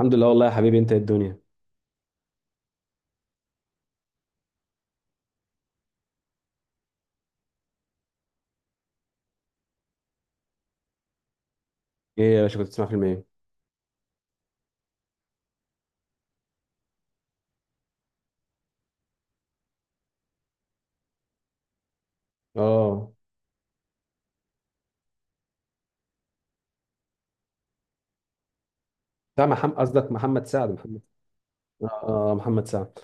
الحمد لله، والله يا حبيبي. انت ايه الدنيا؟ ايه يا باشا، كنت بتسمع فيلم ايه؟ اه، بتاع محمد، قصدك محمد سعد، محمد. اه. محمد سعد.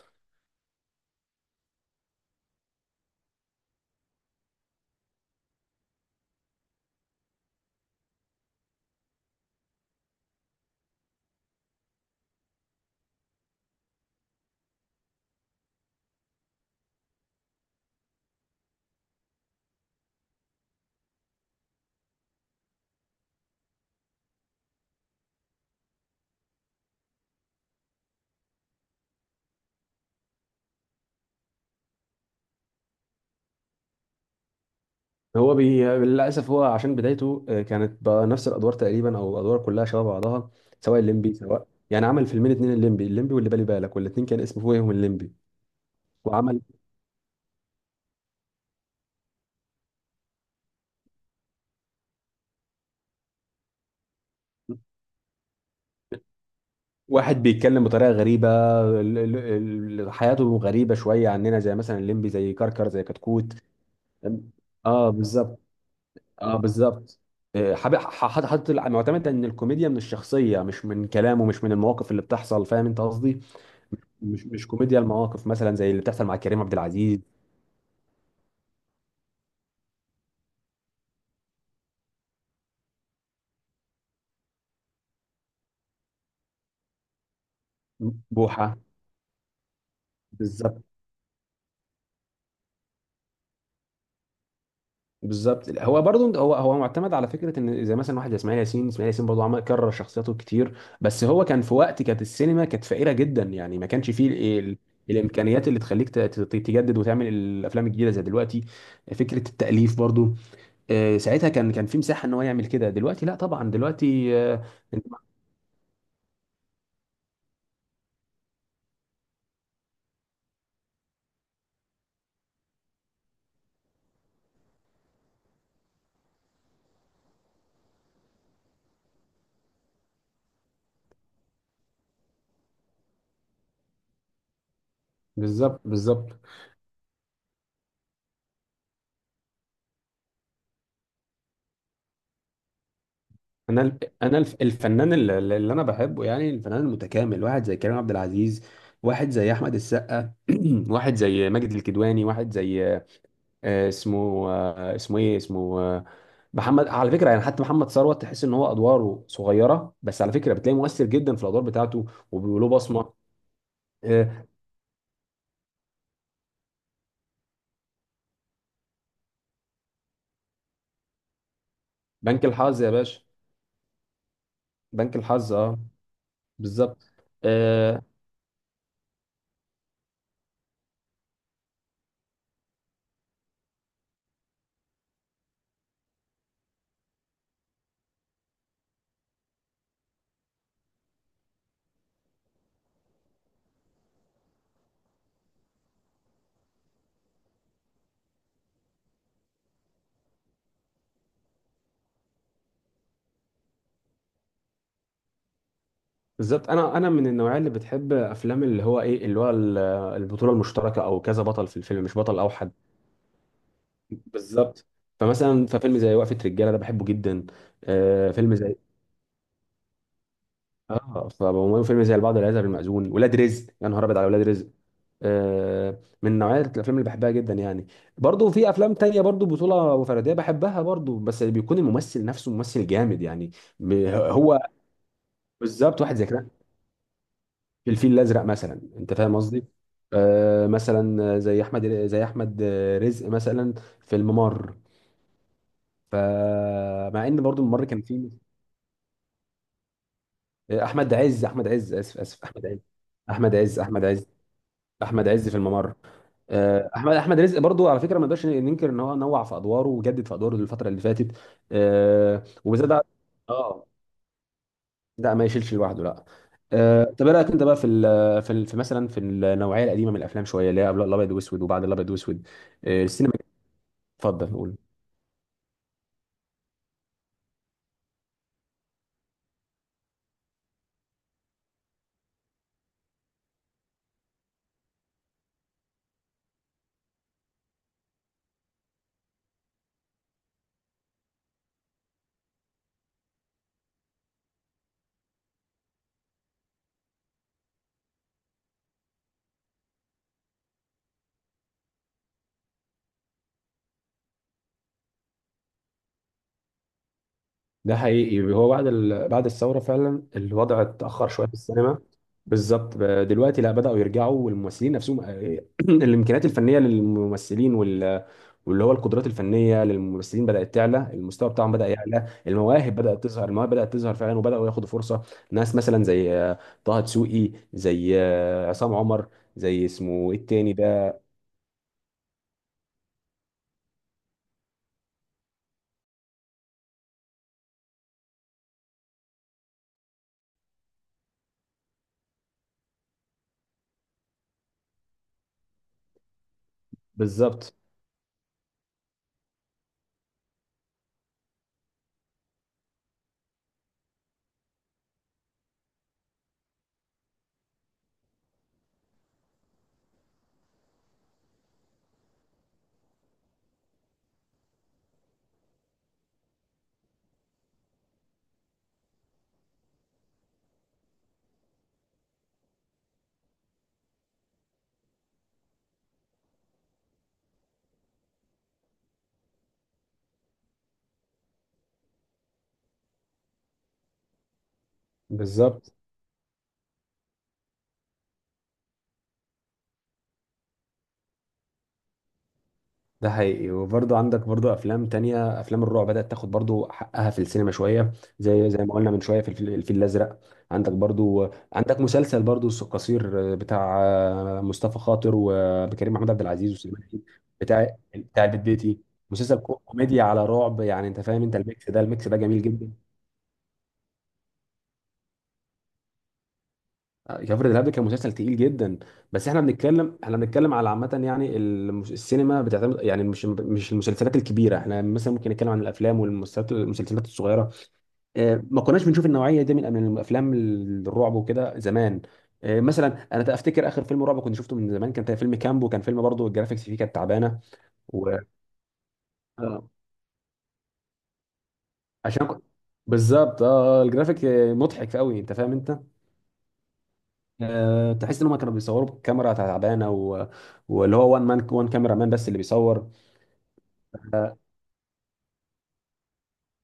هو للاسف، هو عشان بدايته كانت بنفس الادوار تقريبا، او الادوار كلها شبه بعضها. سواء الليمبي، سواء يعني عمل فيلمين اتنين، الليمبي واللي بالي بالك، والاتنين كان اسمه فوقهم الليمبي. وعمل واحد بيتكلم بطريقه غريبه. ال- ال- حياته غريبه شويه عننا، زي مثلا الليمبي، زي كركر، زي كتكوت. اه، بالظبط. اه بالظبط. حابب حاطط معتمد ان الكوميديا من الشخصيه، مش من كلامه، مش من المواقف اللي بتحصل. فاهم انت قصدي؟ مش كوميديا المواقف، مثلا زي اللي بتحصل مع كريم عبد العزيز. بوحه. بالظبط، بالظبط. هو برضو هو معتمد على فكره ان زي مثلا واحد زي اسماعيل ياسين. اسماعيل ياسين برضو عمل كرر شخصياته كتير، بس هو كان في وقت كانت السينما كانت فقيره جدا يعني، ما كانش فيه الامكانيات اللي تخليك تجدد وتعمل الافلام الجديده زي دلوقتي. فكره التاليف برضو، ساعتها كان في مساحه ان هو يعمل كده. دلوقتي لا طبعا، دلوقتي. بالظبط، بالظبط. الفنان اللي انا بحبه، يعني الفنان المتكامل، واحد زي كريم عبد العزيز. واحد زي احمد السقا، واحد زي ماجد الكدواني، واحد زي اسمه اسمه ايه، اسمه محمد على فكره، يعني حتى محمد ثروت تحس ان هو ادواره صغيره، بس على فكره بتلاقيه مؤثر جدا في الادوار بتاعته. وبيقولوا بصمه. آه، بنك الحظ يا باشا. بنك الحظ، اه، بالظبط. آه، بالظبط. انا من النوعيه اللي بتحب افلام اللي هو ايه، اللي هو البطوله المشتركه او كذا بطل في الفيلم، مش بطل اوحد. بالظبط. فمثلا ففيلم زي وقفه رجاله ده بحبه جدا. فيلم زي، اه، فيلم زي البعض لا يذهب المأذون، ولاد رزق، يا نهار ابيض على ولاد رزق. من نوعيه الافلام اللي بحبها جدا يعني. برضو في افلام تانية برضو بطوله فرديه بحبها برضو، بس بيكون الممثل نفسه ممثل جامد يعني. هو بالظبط. واحد زي كده في الفيل الازرق مثلا، انت فاهم قصدي؟ مثلا زي احمد رزق مثلا، في الممر. فمع ان برضو الممر كان فيه احمد عز، اسف اسف، احمد عز احمد عز احمد عز في الممر. احمد رزق برضو على فكره، ما نقدرش ننكر ان هو نوع في ادواره وجدد في ادواره الفتره اللي فاتت، وبالذات اه، لا ما يشيلش لوحده، لا. طب ايه رايك انت بقى في مثلا في النوعيه القديمه من الافلام شويه، اللي هي قبل الابيض واسود وبعد الابيض واسود. السينما. اتفضل قول. ده حقيقي، هو بعد بعد الثورة فعلا الوضع اتأخر شوية في السينما. بالظبط، دلوقتي لا، بدأوا يرجعوا. والممثلين نفسهم، الإمكانيات الفنية للممثلين واللي هو القدرات الفنية للممثلين بدأت تعلى، المستوى بتاعهم بدأ يعلى، المواهب بدأت تظهر فعلا، وبدأوا ياخدوا فرصة. ناس مثلا زي طه دسوقي، زي عصام عمر، زي اسمه إيه التاني ده. بالظبط، بالظبط. ده حقيقي. وبرضه عندك برضه افلام تانية، افلام الرعب بدأت تاخد برضه حقها في السينما شوية، زي ما قلنا من شوية في الفيل الازرق. عندك برضه عندك مسلسل برضه قصير بتاع مصطفى خاطر وكريم محمود عبد العزيز وسليمان عيد. بتاع بتاع البيت بيتي، مسلسل كوميديا على رعب، يعني انت فاهم انت؟ الميكس ده جميل جدا. جعفر الإرهاب ده كان مسلسل تقيل جدا. بس احنا بنتكلم على عامة يعني، السينما بتعتمد يعني، مش المسلسلات الكبيرة. احنا مثلا ممكن نتكلم عن الأفلام والمسلسلات، المسلسلات الصغيرة. اه، ما كناش بنشوف النوعية دي من الأفلام، الرعب وكده زمان. اه، مثلا انا افتكر اخر فيلم رعب كنت شفته من زمان كان فيلم كامبو، كان فيلم برضه الجرافيكس فيه كانت تعبانة و اه، عشان بالظبط، اه الجرافيك، مضحك قوي انت فاهم انت؟ تحس ان هم كانوا بيصوروا بكاميرا تعبانه و... واللي هو وان مان وان كاميرا مان بس اللي بيصور.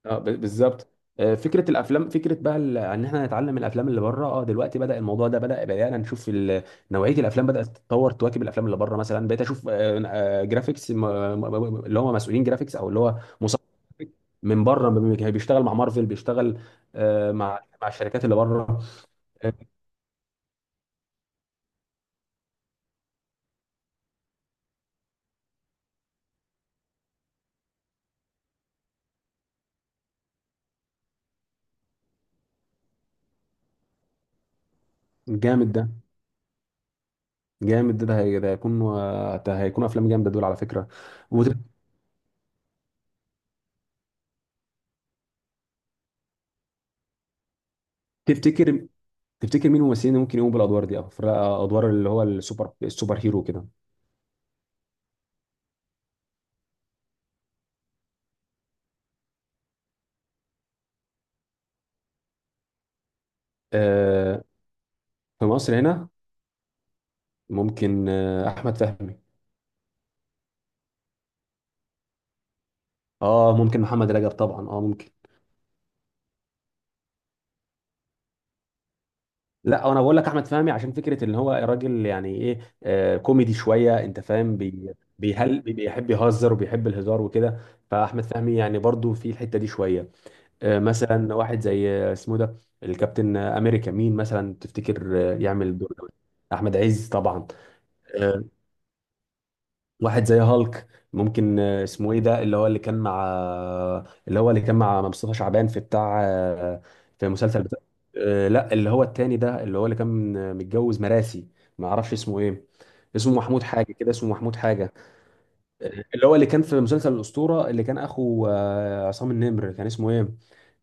بالظبط. فكره الافلام، فكره بقى ان احنا نتعلم من الافلام اللي بره. اه، دلوقتي بدا الموضوع ده، بدا بدانا نشوف نوعيه الافلام بدات تتطور تواكب الافلام اللي بره. مثلا بقيت اشوف جرافيكس، اللي هم مسؤولين جرافيكس او اللي هو مصمم جرافيك، من بره بيشتغل مع مارفل، بيشتغل مع الشركات اللي بره. آه، جامد ده، جامد ده. ده هيكون افلام جامده دول على فكره. مم. وتفتكر مين الممثلين اللي ممكن يقوموا بالادوار دي، او في ادوار اللي هو السوبر هيرو كده؟ آه في مصر هنا ممكن احمد فهمي. اه، ممكن محمد رجب طبعا، اه ممكن. لا انا بقول لك احمد فهمي، عشان فكره ان هو راجل يعني ايه، كوميدي شويه، انت فاهم بيحب يهزر وبيحب الهزار وكده. فاحمد فهمي يعني برضو في الحته دي شويه. مثلا واحد زي اسمه ده الكابتن امريكا، مين مثلا تفتكر يعمل الدور ده؟ احمد عز طبعا. آه، واحد زي هالك، ممكن اسمه ايه ده؟ اللي هو اللي كان مع اللي هو اللي كان مع مصطفى شعبان في بتاع في مسلسل بتاع لا، اللي هو التاني ده، اللي هو اللي كان متجوز مراسي. ما اعرفش اسمه ايه. اسمه محمود حاجه كده، اسمه محمود حاجه، اللي هو اللي كان في مسلسل الأسطورة، اللي كان أخو عصام النمر، كان اسمه إيه؟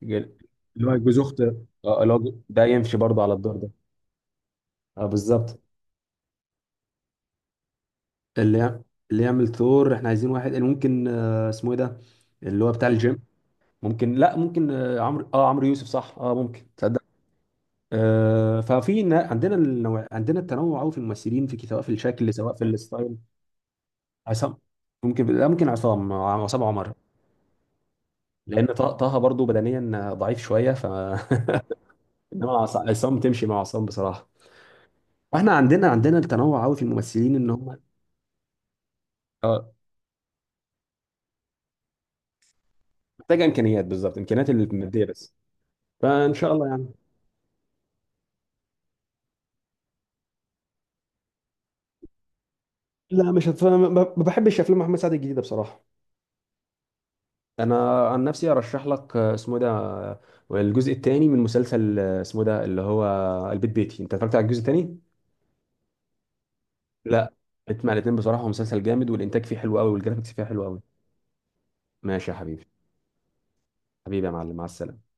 جل- اللي هو جوز أخت، اللي هو ده يمشي برضه على الدور ده. اه، بالظبط. اللي يع- اللي يعمل ثور، احنا عايزين واحد اللي ممكن اسمه إيه ده؟ اللي هو بتاع الجيم. ممكن، لا ممكن عمرو يوسف صح، اه ممكن، تصدق. عندنا التنوع قوي في الممثلين، في سواء في الشكل سواء في الستايل. عصام، ممكن، لا ممكن عصام، عصام عمر. لان طه برضه بدنيا ضعيف شويه ف انما عصام، تمشي مع عصام بصراحه. واحنا عندنا التنوع قوي في الممثلين ان هم اه محتاجه امكانيات، بالظبط امكانيات الماديه بس. فان شاء الله يعني. لا، مش هت... ما بحبش افلام محمد سعد الجديده بصراحه. انا عن نفسي ارشح لك اسمه ده، الجزء الثاني من مسلسل اسمه ده اللي هو البيت بيتي. انت اتفرجت على الجزء الثاني؟ لا، اسمع الاثنين بصراحه، هو مسلسل جامد، والانتاج فيه حلو قوي، والجرافيكس فيه حلو قوي. ماشي يا حبيبي. حبيبي يا معلم، مع السلامه.